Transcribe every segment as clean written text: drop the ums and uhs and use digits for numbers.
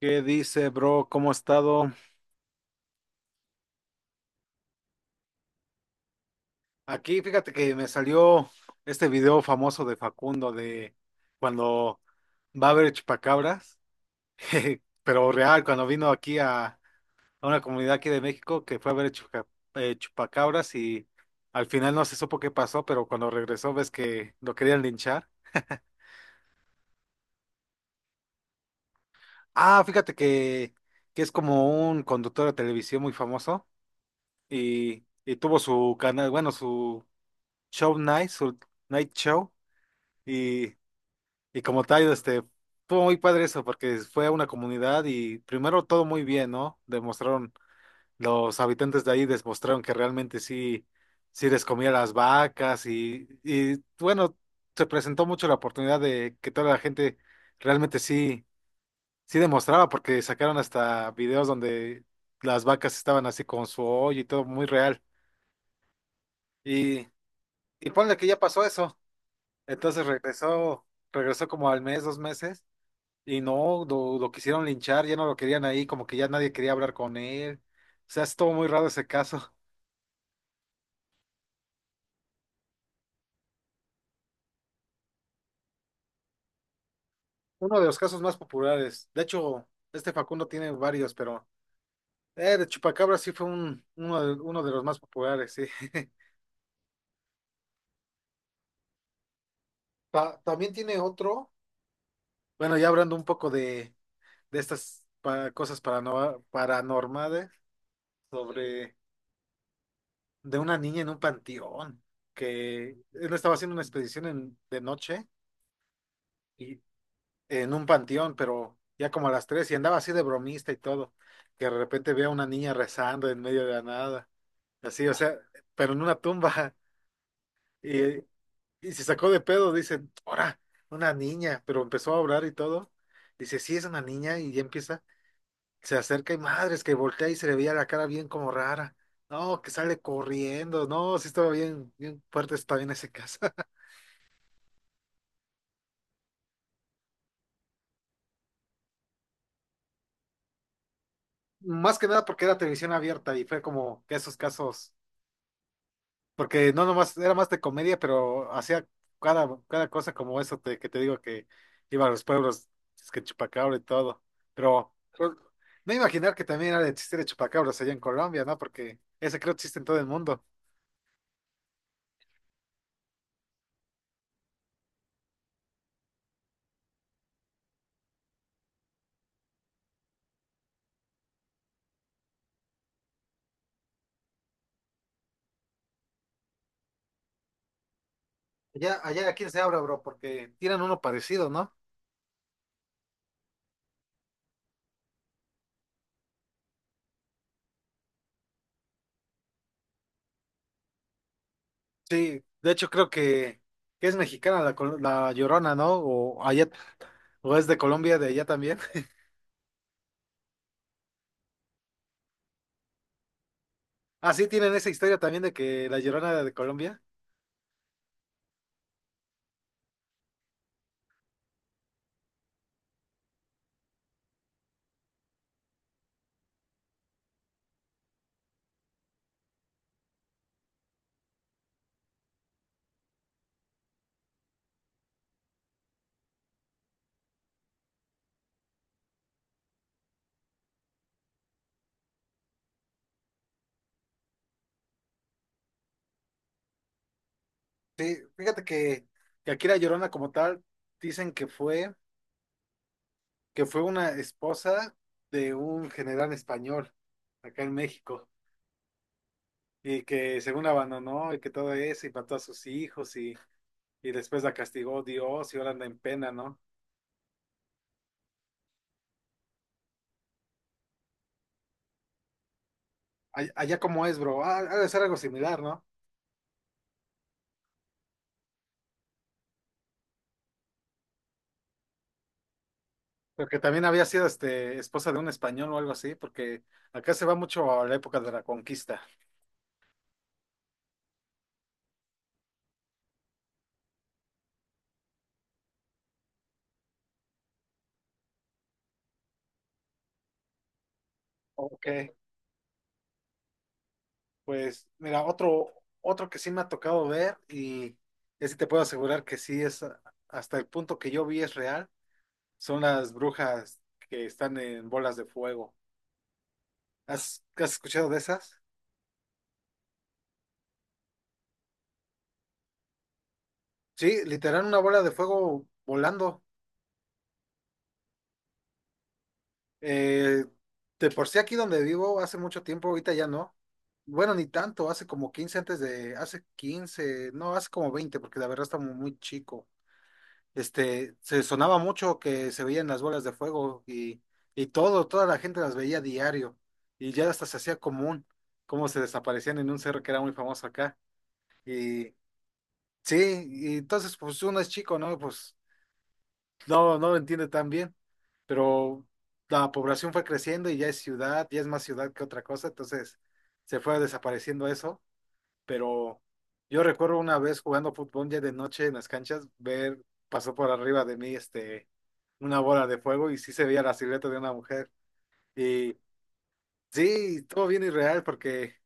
¿Qué dice, bro? ¿Cómo ha estado? Aquí, fíjate que me salió este video famoso de Facundo de cuando va a haber chupacabras, jeje, pero real, cuando vino aquí a una comunidad aquí de México que fue a ver chupacabras y al final no se supo qué pasó, pero cuando regresó ves que lo querían linchar. Ah, fíjate que es como un conductor de televisión muy famoso y tuvo su canal, bueno, su show night, su night show. Y, y fue muy padre eso, porque fue a una comunidad y primero todo muy bien, ¿no? Demostraron, los habitantes de ahí demostraron que realmente sí, sí les comía las vacas y bueno, se presentó mucho la oportunidad de que toda la gente realmente sí, sí demostraba, porque sacaron hasta videos donde las vacas estaban así con su hoyo y todo muy real. Y, y ponle que ya pasó eso. Entonces regresó, regresó como al mes, 2 meses. Y no, lo quisieron linchar, ya no lo querían ahí, como que ya nadie quería hablar con él. O sea, estuvo muy raro ese caso. Uno de los casos más populares. De hecho, este Facundo tiene varios, pero de Chupacabra sí fue uno de los más populares, sí. También tiene otro. Bueno, ya hablando un poco de estas cosas paranormales, sobre de una niña en un panteón, que él estaba haciendo una expedición de noche. En un panteón, pero ya como a las 3 y andaba así de bromista y todo, que de repente veía a una niña rezando en medio de la nada, así, o sea, pero en una tumba y, y se sacó de pedo, dice, ahora, una niña, pero empezó a orar y todo, dice, sí, es una niña y ya empieza, se acerca y madres que voltea y se le veía la cara bien como rara. No, que sale corriendo. No, sí estaba bien, bien fuerte, está bien ese caso. Más que nada porque era televisión abierta y fue como que esos casos. Porque no nomás, era más de comedia, pero hacía cada cosa como eso que te digo que iba a los pueblos, es que chupacabra y todo. Pero pues, no imaginar que también era de chiste de chupacabras allá en Colombia, ¿no? Porque ese creo que existe en todo el mundo. Allá, ¿a quién se habla, bro? Porque tiran uno parecido, ¿no? Sí, de hecho creo que es mexicana la Llorona, ¿no? O allá, o es de Colombia, de allá también. Así tienen esa historia también de que la Llorona era de Colombia. Sí, fíjate que aquí la Llorona como tal dicen que fue una esposa de un general español acá en México y que según la abandonó y que todo eso y mató a sus hijos y después la castigó Dios y ahora anda en pena, ¿no? Allá como es, bro, ah, ha de ser algo similar, ¿no? Porque también había sido este esposa de un español o algo así, porque acá se va mucho a la época de la conquista. Ok. Pues mira, otro, otro que sí me ha tocado ver y ese te puedo asegurar que sí hasta el punto que yo vi es real, son las brujas que están en bolas de fuego. Has escuchado de esas? Sí, literal una bola de fuego volando. Eh, de por sí aquí donde vivo hace mucho tiempo, ahorita ya no. Bueno, ni tanto, hace como 15 antes de, hace 15, no, hace como 20 porque la verdad está muy muy chico. Este, se sonaba mucho que se veían las bolas de fuego y todo, toda la gente las veía diario y ya hasta se hacía común cómo se desaparecían en un cerro que era muy famoso acá. Y sí, y entonces pues uno es chico, ¿no? Pues no, no lo entiende tan bien, pero la población fue creciendo y ya es ciudad, ya es más ciudad que otra cosa, entonces se fue desapareciendo eso, pero yo recuerdo una vez jugando fútbol ya de noche en las canchas, ver, pasó por arriba de mí este, una bola de fuego y sí se veía la silueta de una mujer. Y sí, todo bien irreal porque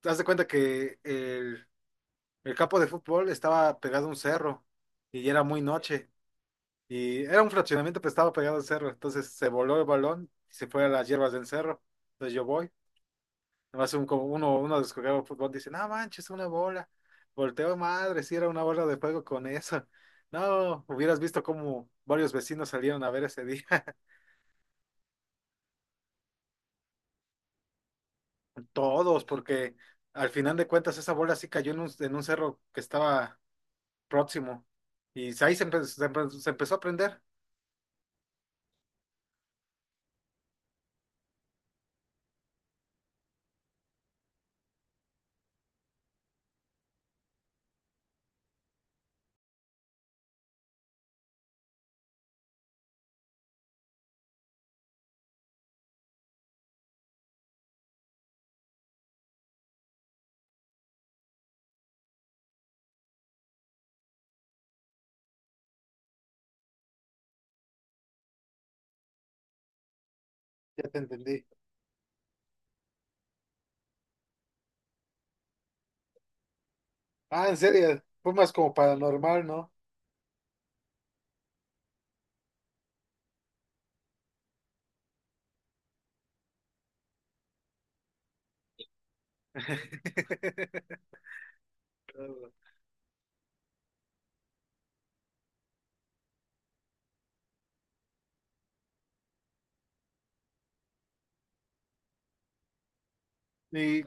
te das de cuenta que el campo de fútbol estaba pegado a un cerro y ya era muy noche. Y era un fraccionamiento, pero estaba pegado al cerro. Entonces se voló el balón y se fue a las hierbas del cerro. Entonces yo voy. Nomás uno descubrió fútbol, dice, no manches, una bola. Volteo, madre, si era una bola de fuego con eso. No, hubieras visto cómo varios vecinos salieron a ver ese día. Todos, porque al final de cuentas esa bola sí cayó en un cerro que estaba próximo. Y ahí se empezó a prender. Ya te entendí. Ah, en serio, fue más como paranormal, ¿no? Y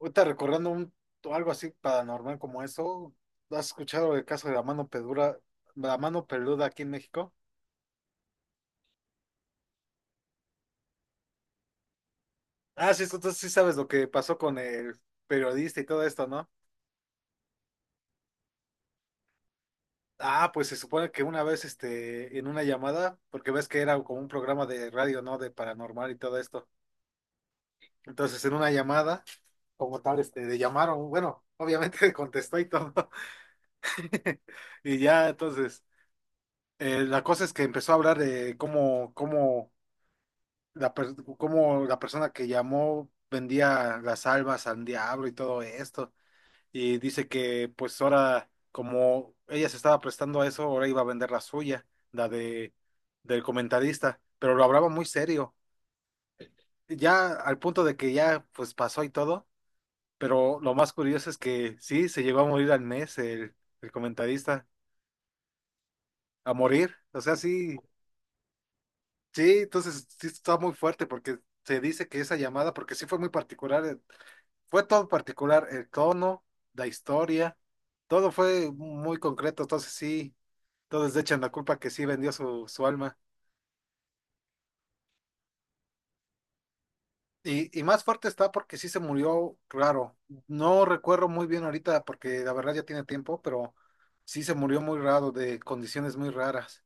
ahorita recordando un, algo así paranormal como eso, ¿has escuchado el caso de la mano peluda aquí en México? Ah, sí, entonces sí sabes lo que pasó con el periodista y todo esto, ¿no? Ah, pues se supone que una vez, este, en una llamada, porque ves que era como un programa de radio, ¿no? De paranormal y todo esto. Entonces, en una llamada, como tal, este, le llamaron, bueno, obviamente contestó y todo. Y ya, entonces, la cosa es que empezó a hablar de cómo cómo la persona que llamó vendía las almas al diablo y todo esto. Y dice que pues ahora, como ella se estaba prestando a eso, ahora iba a vender la suya, la de del comentarista, pero lo hablaba muy serio. Ya al punto de que ya pues pasó y todo, pero lo más curioso es que sí, se llegó a morir al mes el comentarista, a morir. O sea, sí, sí, entonces sí está muy fuerte porque se dice que esa llamada, porque sí fue muy particular, fue todo particular, el tono, la historia, todo fue muy concreto, entonces sí, todos le echan la culpa que sí vendió su alma. Y más fuerte está porque sí se murió raro. No recuerdo muy bien ahorita porque la verdad ya tiene tiempo, pero sí se murió muy raro, de condiciones muy raras.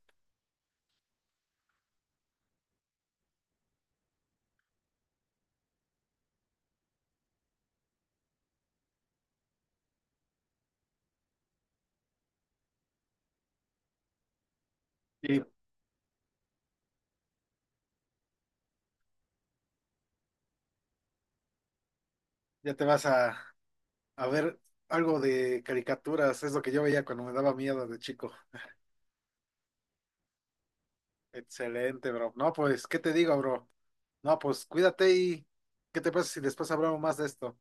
Y ya te vas a ver algo de caricaturas, es lo que yo veía cuando me daba miedo de chico. Excelente, bro. No, pues, ¿qué te digo, bro? No, pues cuídate y ¿qué te pasa si después hablamos más de esto?